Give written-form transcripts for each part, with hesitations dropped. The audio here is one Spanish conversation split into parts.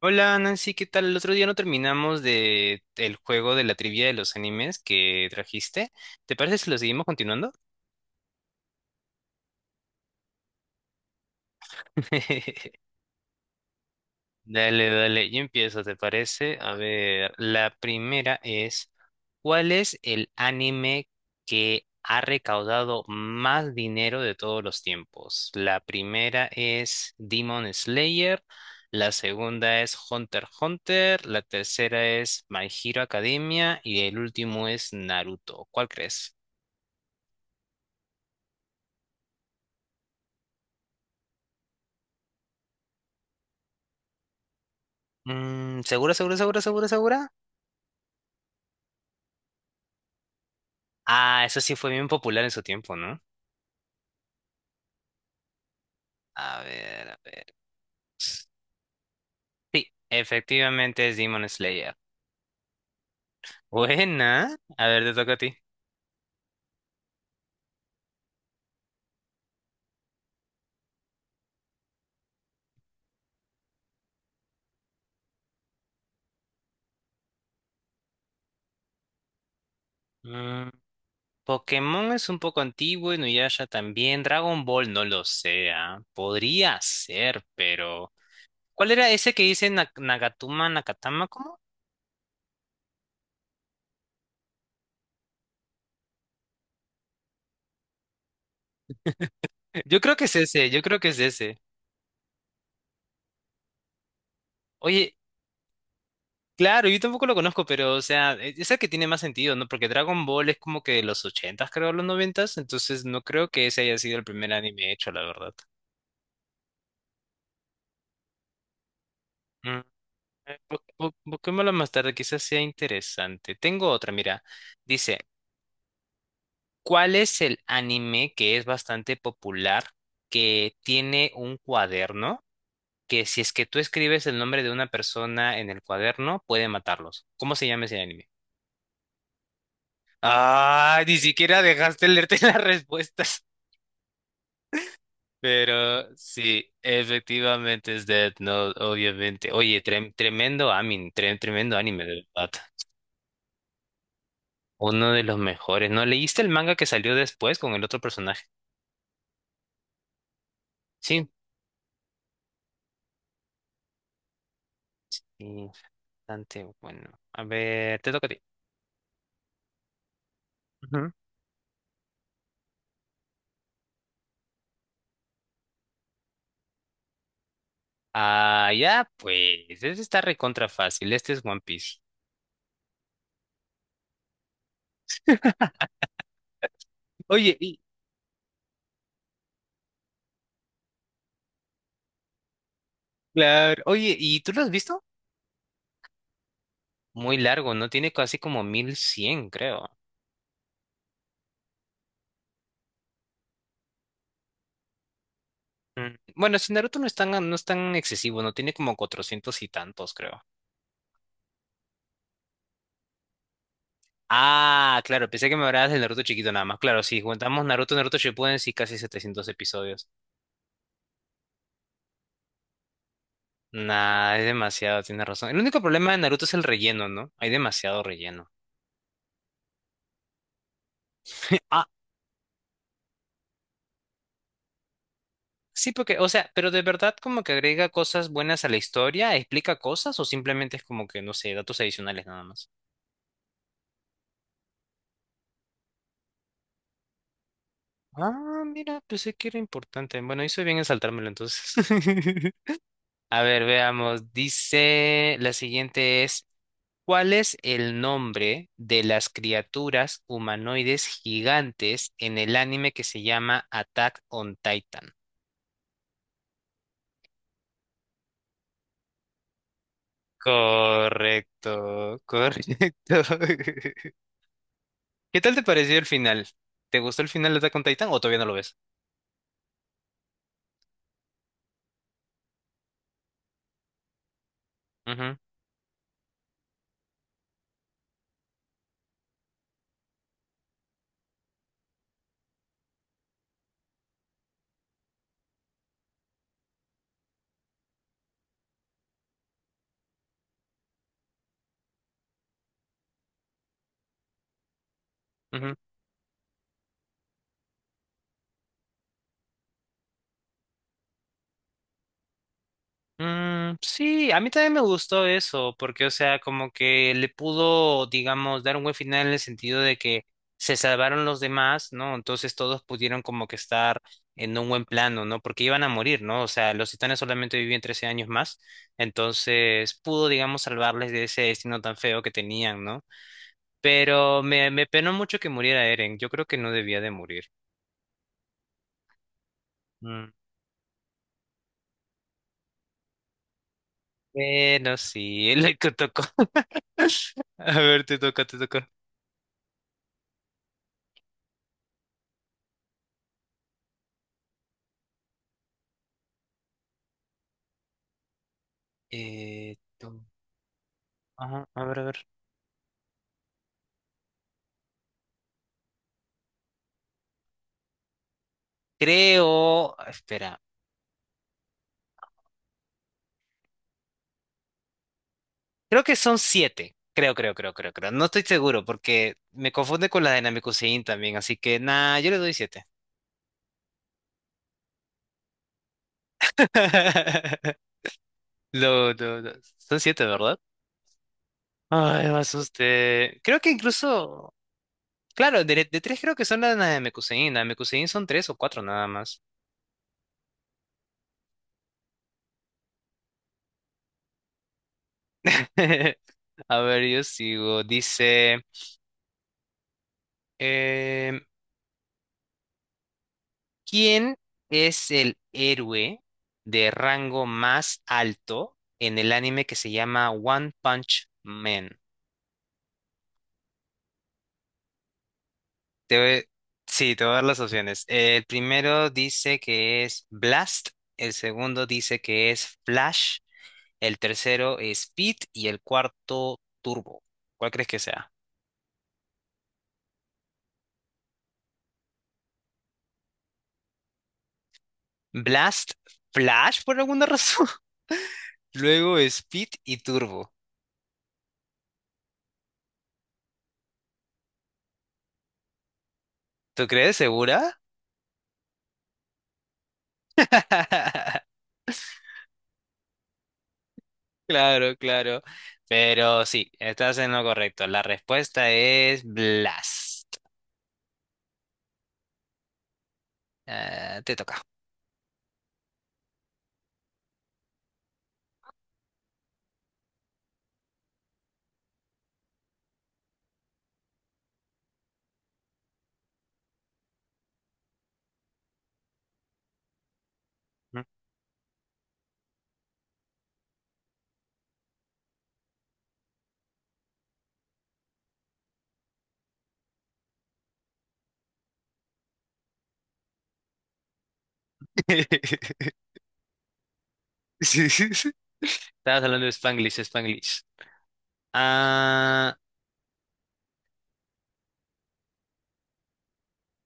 Hola Nancy, ¿qué tal? El otro día no terminamos de el juego de la trivia de los animes que trajiste. ¿Te parece si lo seguimos continuando? Dale, dale, yo empiezo, ¿te parece? A ver, la primera es, ¿cuál es el anime que ha recaudado más dinero de todos los tiempos? La primera es Demon Slayer, la segunda es Hunter x Hunter, la tercera es My Hero Academia y el último es Naruto. ¿Cuál crees? Mm, ¿segura, segura, segura, segura, segura? Ah, eso sí fue bien popular en su tiempo, ¿no? A ver, a ver. Sí, efectivamente es Demon Slayer. Buena. A ver, te toca a ti. Mm, Pokémon es un poco antiguo, y Nuyasha también. Dragon Ball no lo sé. Ah, podría ser, pero. ¿Cuál era ese que dice Nagatuma, Nakatama? ¿Cómo? Yo creo que es ese, yo creo que es ese. Oye, claro, yo tampoco lo conozco, pero, o sea, es el que tiene más sentido, ¿no? Porque Dragon Ball es como que de los ochentas, creo, los noventas, entonces no creo que ese haya sido el primer anime hecho, la verdad. Busquémoslo más tarde, quizás sea interesante. Tengo otra, mira. Dice, ¿cuál es el anime que es bastante popular, que tiene un cuaderno, que si es que tú escribes el nombre de una persona en el cuaderno, puede matarlos? ¿Cómo se llama ese anime? Ah, ni siquiera dejaste leerte las respuestas. Pero sí, efectivamente es Death Note, obviamente. Oye, tremendo anime, de verdad. Uno de los mejores. ¿No leíste el manga que salió después con el otro personaje? Sí. Y bastante bueno. A ver, te toca a ti. Ujú. Ah, ya, pues. Este está recontra fácil. Este es One Piece. Oye, y, claro, Oye, ¿y tú lo has visto? Muy largo, ¿no? Tiene casi como 1.100, creo. Mm. Bueno, si Naruto no es tan excesivo, ¿no? Tiene como 400 y tantos, creo. Ah, claro, pensé que me hablabas del Naruto chiquito nada más. Claro, si contamos Naruto, Naruto Shippuden, sí, casi 700 episodios. Nah, es demasiado, tiene razón. El único problema de Naruto es el relleno, ¿no? Hay demasiado relleno. Ah, sí, porque, o sea, pero de verdad como que agrega cosas buenas a la historia, explica cosas o simplemente es como que, no sé, datos adicionales nada más. Ah, mira, pensé que era importante. Bueno, hice bien en saltármelo entonces. A ver, veamos. Dice, la siguiente es, ¿cuál es el nombre de las criaturas humanoides gigantes en el anime que se llama Attack on Titan? Correcto, correcto. ¿Qué tal te pareció el final? ¿Te gustó el final de Attack on Titan o todavía no lo ves? Ujú, ujú. Mm, sí, a mí también me gustó eso, porque, o sea, como que le pudo, digamos, dar un buen final en el sentido de que se salvaron los demás, ¿no? Entonces todos pudieron como que estar en un buen plano, ¿no? Porque iban a morir, ¿no? O sea, los titanes solamente vivían 13 años más, entonces pudo, digamos, salvarles de ese destino tan feo que tenían, ¿no? Pero me penó mucho que muriera Eren. Yo creo que no debía de morir. Mm. Bueno, sí, le tocó. A ver, te toca, te toca. Eh, tú- Ajá, a ver, a ver. Creo. Espera. Creo que son siete. Creo, creo, creo, creo, creo. No estoy seguro porque me confunde con la de Namekusein también. Así que, nada yo le doy siete. No, no, no. Son siete, ¿verdad? Ay, me asusté. Creo que incluso. Claro, de tres creo que son las de Mekusein. Las de Mekusein son tres o cuatro nada más. A ver, yo sigo. Dice, em, ¿quién es el héroe de rango más alto en el anime que se llama One Punch Man? Te voy- sí, te voy a dar las opciones. El primero dice que es Blast, el segundo dice que es Flash, el tercero es Speed y el cuarto Turbo. ¿Cuál crees que sea? Blast, Flash por alguna razón. Luego Speed y Turbo. ¿Tú crees? ¿Segura? Claro, claro. Pero sí, estás en lo correcto. La respuesta es Blast. Ah, te toca. Sí, sí, sí. Estabas hablando de Spanglish, Spanglish. Ah,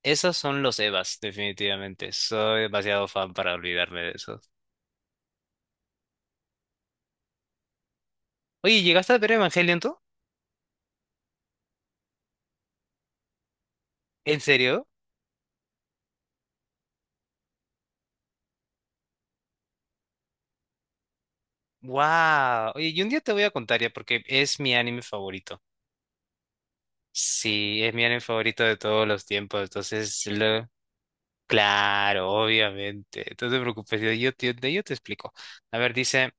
esos son los Evas, definitivamente. Soy demasiado fan para olvidarme de esos. Oye, ¿llegaste a ver Evangelion tú? ¿En serio? Wow. Oye, y un día te voy a contar ya porque es mi anime favorito. Sí, es mi anime favorito de todos los tiempos. Entonces, claro, obviamente. No te preocupes, yo te explico. A ver, dice,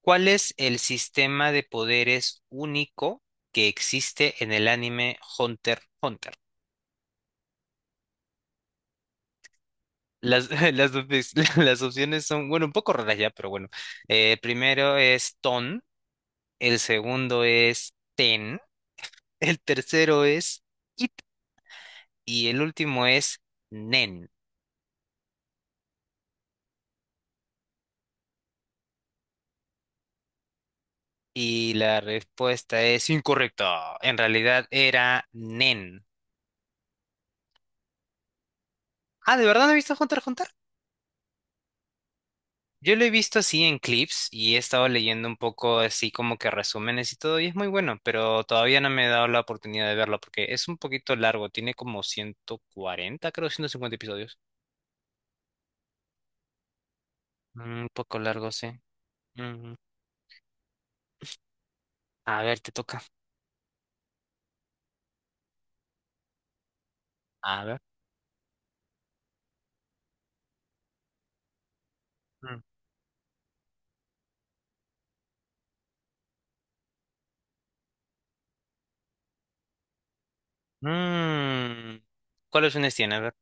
¿cuál es el sistema de poderes único que existe en el anime Hunter x Hunter? Las, las, op- las opciones son, bueno, un poco raras ya, pero bueno. Primero es Ton, el segundo es Ten, el tercero es Iten y el último es nen. Y la respuesta es incorrecta. En realidad era nen. Ah, ¿de verdad no he visto Hunter x Hunter? Yo lo he visto así en clips y he estado leyendo un poco así como que resúmenes y todo y es muy bueno, pero todavía no me he dado la oportunidad de verlo porque es un poquito largo, tiene como 140 creo, 150 episodios. Mm, un poco largo, sí. Mm. A ver, te toca. A ver. Mm. Mm. ¿Cuáles opciones tiene? A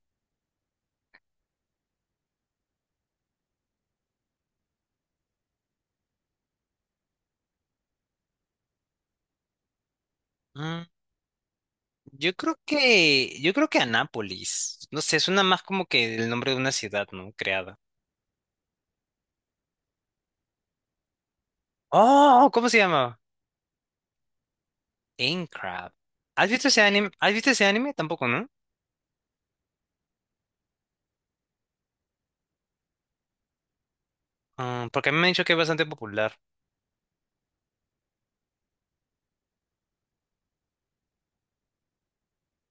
ver. Yo creo que Anápolis. No sé, suena más como que el nombre de una ciudad, ¿no? Creada. Oh, ¿cómo se llama? Aincrad. ¿Has visto ese anime? ¿Has visto ese anime? Tampoco, ¿no? Ah, porque a mí me han dicho que es bastante popular.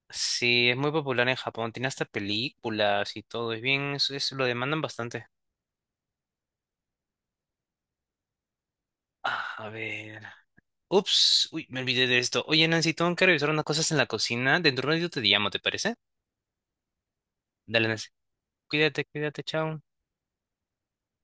Sí, es muy popular en Japón. Tiene hasta películas y todo. Es bien, es- lo demandan bastante. Ah, a ver. Ups, uy, me olvidé de esto. Oye, Nancy, tengo que revisar unas cosas en la cocina. Dentro de un ratito te llamo, ¿te parece? Dale, Nancy. Cuídate, cuídate, chao.